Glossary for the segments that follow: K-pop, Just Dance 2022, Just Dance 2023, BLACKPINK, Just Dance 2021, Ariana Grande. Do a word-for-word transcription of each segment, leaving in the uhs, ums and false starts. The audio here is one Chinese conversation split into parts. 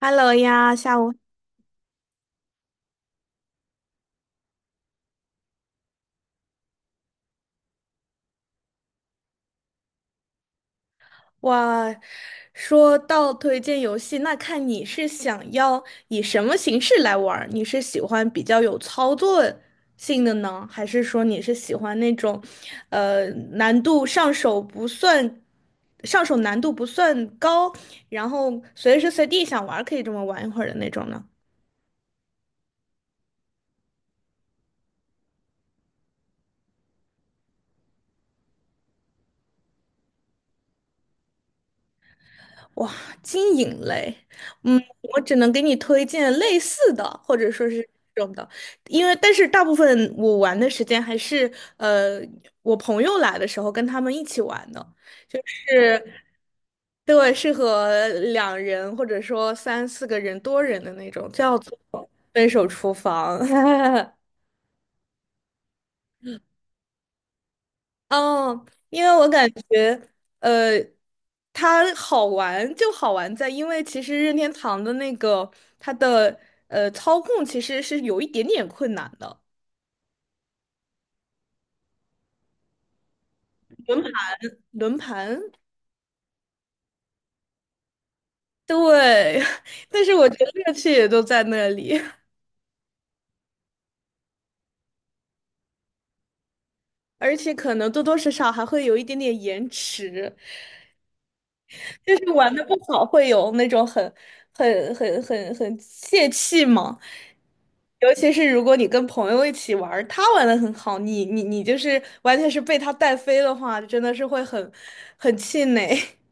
Hello 呀，下午。哇，说到推荐游戏，那看你是想要以什么形式来玩儿？你是喜欢比较有操作性的呢，还是说你是喜欢那种，呃，难度上手不算，上手难度不算高，然后随时随地想玩儿可以这么玩一会儿的那种呢？哇，经营类，嗯，我只能给你推荐类似的，或者说是这种的，因为但是大部分我玩的时间还是呃我朋友来的时候跟他们一起玩的，是，对，是和两人或者说三四个人多人的那种，叫做分手厨房。哦，因为我感觉，呃，它好玩就好玩在，因为其实任天堂的那个它的呃操控其实是有一点点困难的，轮盘，对，但是我觉得乐趣也都在那里，而且可能多多少少还会有一点点延迟。就是玩的不好，会有那种很、很、很、很、很泄气嘛。尤其是如果你跟朋友一起玩儿他玩的很好，你、你、你就是完全是被他带飞的话，真的是会很、很气馁。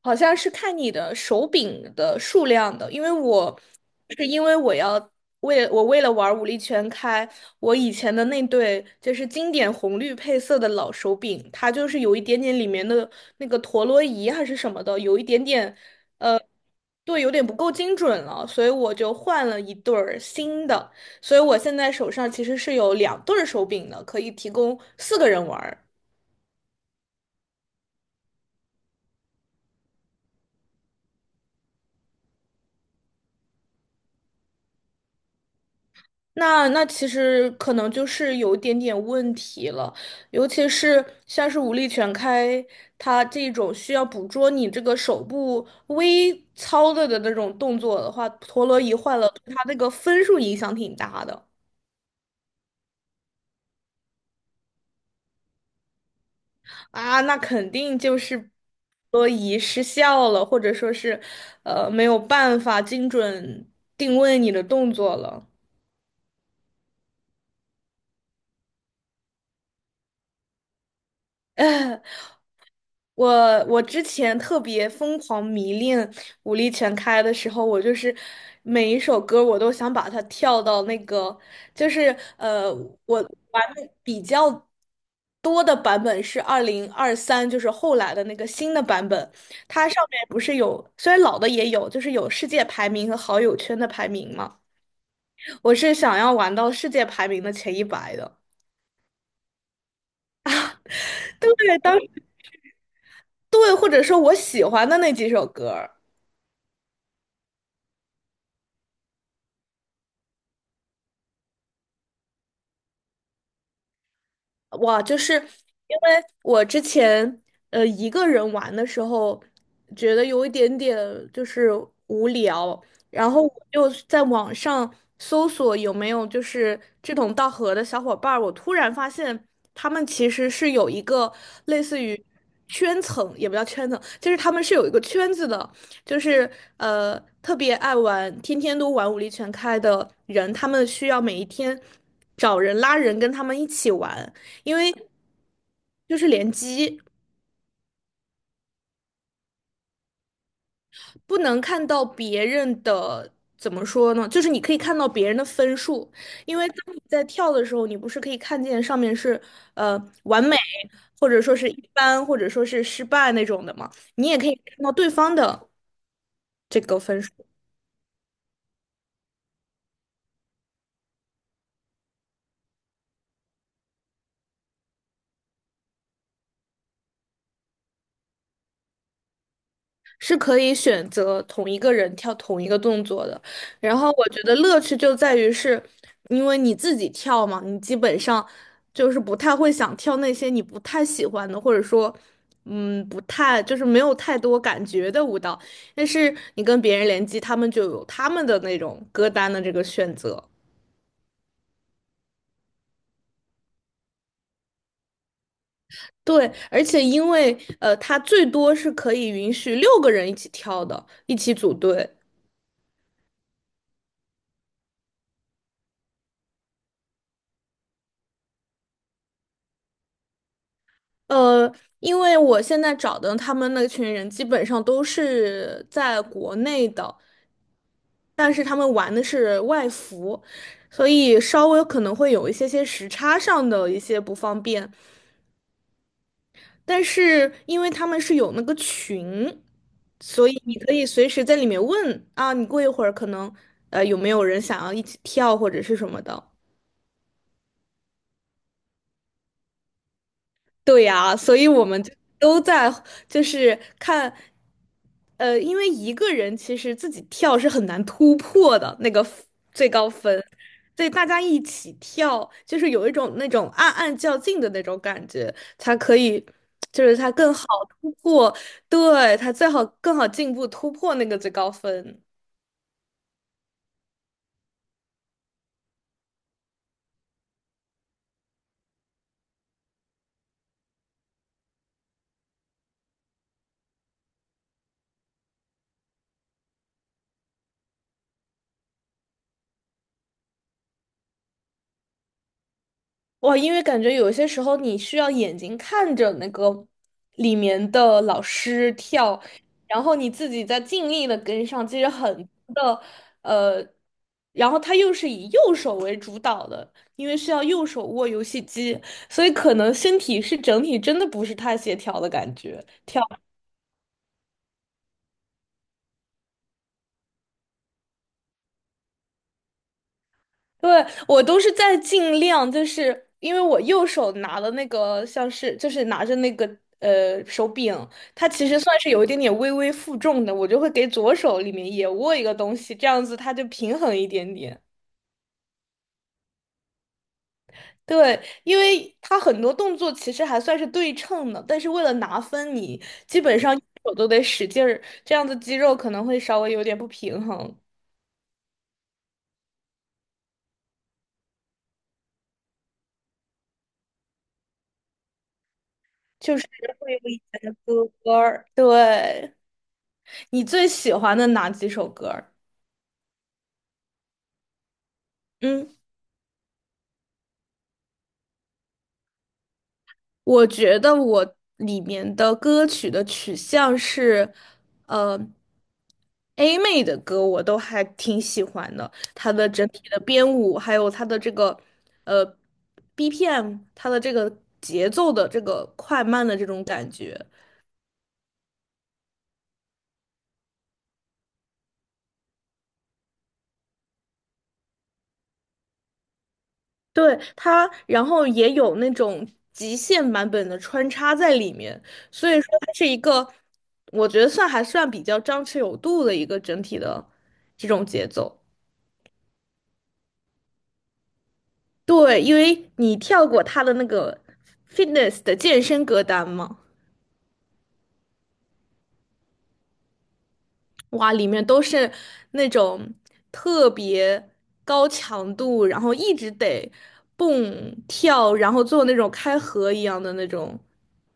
好像是看你的手柄的数量的，因为我是因为我要为我为了玩武力全开，我以前的那对就是经典红绿配色的老手柄，它就是有一点点里面的那个陀螺仪还是什么的，有一点点呃，对，有点不够精准了，所以我就换了一对儿新的，所以我现在手上其实是有两对儿手柄的，可以提供四个人玩儿。那那其实可能就是有一点点问题了，尤其是像是武力全开，它这种需要捕捉你这个手部微操作的那种动作的话，陀螺仪坏了，对它那个分数影响挺大的。啊，那肯定就是陀螺仪失效了，或者说是呃没有办法精准定位你的动作了。我我之前特别疯狂迷恋武力全开的时候，我就是每一首歌我都想把它跳到那个，就是呃，我玩的比较多的版本是二零二三，就是后来的那个新的版本，它上面不是有，虽然老的也有，就是有世界排名和好友圈的排名嘛，我是想要玩到世界排名的前一百的。对，当对，或者说我喜欢的那几首歌。哇，就是因为我之前呃一个人玩的时候，觉得有一点点就是无聊，然后我就在网上搜索有没有就是志同道合的小伙伴儿，我突然发现他们其实是有一个类似于圈层，也不叫圈层，就是他们是有一个圈子的，就是呃特别爱玩，天天都玩武力全开的人，他们需要每一天找人拉人跟他们一起玩。因为就是联机不能看到别人的，怎么说呢？就是你可以看到别人的分数，因为当你在跳的时候，你不是可以看见上面是呃完美，或者说是一般，或者说是失败那种的嘛？你也可以看到对方的这个分数。是可以选择同一个人跳同一个动作的。然后我觉得乐趣就在于是，因为你自己跳嘛，你基本上就是不太会想跳那些你不太喜欢的，或者说，嗯，不太就是没有太多感觉的舞蹈。但是你跟别人联机，他们就有他们的那种歌单的这个选择。对，而且因为呃，它最多是可以允许六个人一起跳的，一起组队。呃，因为我现在找的他们那群人基本上都是在国内的，但是他们玩的是外服，所以稍微可能会有一些些时差上的一些不方便。但是因为他们是有那个群，所以你可以随时在里面问啊，你过一会儿可能呃有没有人想要一起跳或者是什么的。对呀，所以我们就都在就是看，呃，因为一个人其实自己跳是很难突破的那个 f- 最高分，所以大家一起跳，就是有一种那种暗暗较劲的那种感觉，才可以，就是他更好突破，对，他最好更好进步突破那个最高分。哇，因为感觉有些时候你需要眼睛看着那个里面的老师跳，然后你自己在尽力的跟上，其实很多的，呃，然后他又是以右手为主导的，因为需要右手握游戏机，所以可能身体是整体真的不是太协调的感觉。跳。对，我都是在尽量，就是因为我右手拿的那个像是就是拿着那个呃手柄，它其实算是有一点点微微负重的，我就会给左手里面也握一个东西，这样子它就平衡一点点。对，因为它很多动作其实还算是对称的，但是为了拿分你，基本上右手都得使劲儿，这样子肌肉可能会稍微有点不平衡，就是会有以前的歌儿。对，你最喜欢的哪几首歌儿？嗯，我觉得我里面的歌曲的取向是，呃，A 妹的歌我都还挺喜欢的，她的整体的编舞，还有她的这个呃 B P M，她的这个节奏的这个快慢的这种感觉，对它，然后也有那种极限版本的穿插在里面，所以说它是一个，我觉得算还算比较张弛有度的一个整体的这种节奏。对，因为你跳过他的那个 fitness 的健身歌单嘛，哇，里面都是那种特别高强度，然后一直得蹦跳，然后做那种开合一样的那种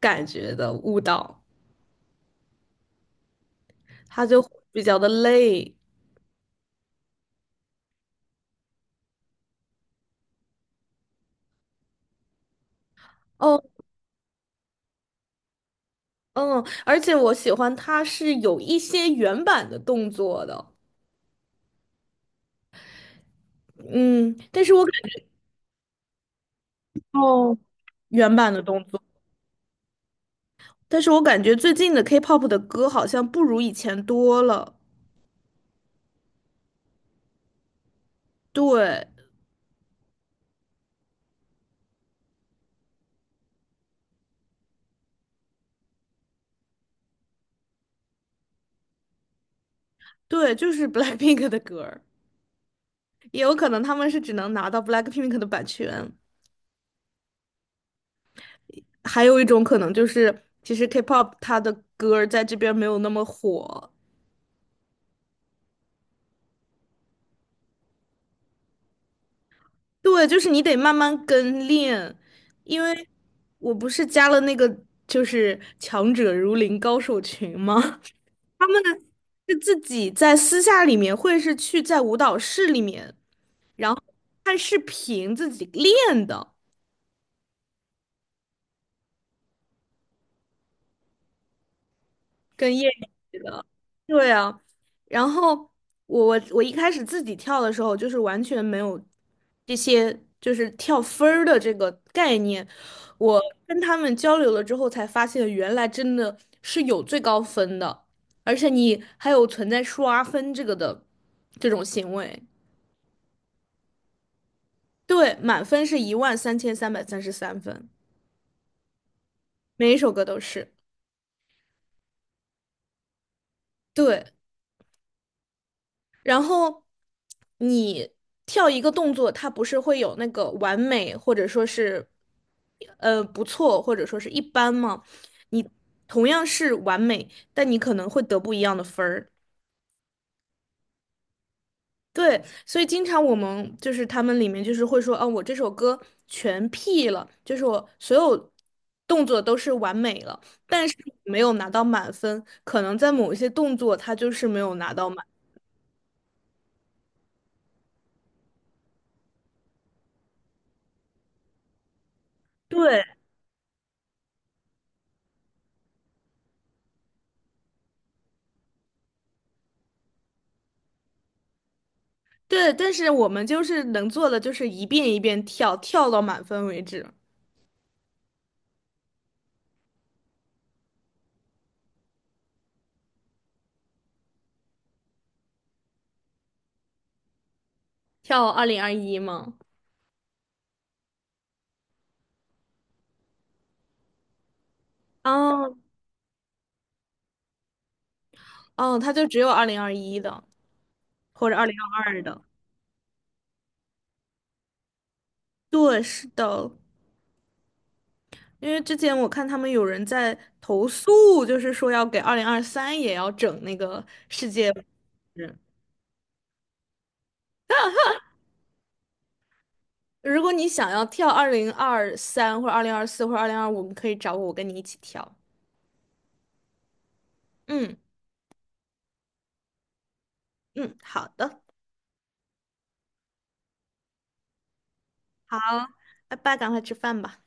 感觉的舞蹈，它就比较的累。哦，嗯，而且我喜欢它是有一些原版的动作的，嗯，但是我感觉哦，原版的动作。但是我感觉最近的 K-pop 的歌好像不如以前多了。对，对，就是 BLACKPINK 的歌儿，也有可能他们是只能拿到 BLACKPINK 的版权。还有一种可能就是，其实 K-pop 它的歌儿在这边没有那么火。对，就是你得慢慢跟练，因为我不是加了那个就是强者如林高手群吗？他们是自己在私下里面，会是去在舞蹈室里面。然后看视频自己练的，跟业余的，对啊。然后我我我一开始自己跳的时候，就是完全没有这些就是跳分儿的这个概念。我跟他们交流了之后，才发现原来真的是有最高分的，而且你还有存在刷分这个的这种行为。对，满分是一万三千三百三十三分，每一首歌都是。对。然后你跳一个动作，它不是会有那个完美，或者说是呃不错，或者说是一般吗？你同样是完美，但你可能会得不一样的分儿。对，所以经常我们就是他们里面就是会说，啊，我这首歌全 P 了，就是我所有动作都是完美了，但是没有拿到满分，可能在某一些动作它就是没有拿到满。对。对，但是我们就是能做的就是一遍一遍跳，跳到满分为止。跳二零二一吗？哦哦，他就只有二零二一的或者二零二二的。对，是的，因为之前我看他们有人在投诉，就是说要给二零二三也要整那个世界杯。如果你想要跳二零二三或者二零二四或者二零二五，你可以找我，我跟你一起跳。嗯嗯，好的，好，拜拜，赶快吃饭吧。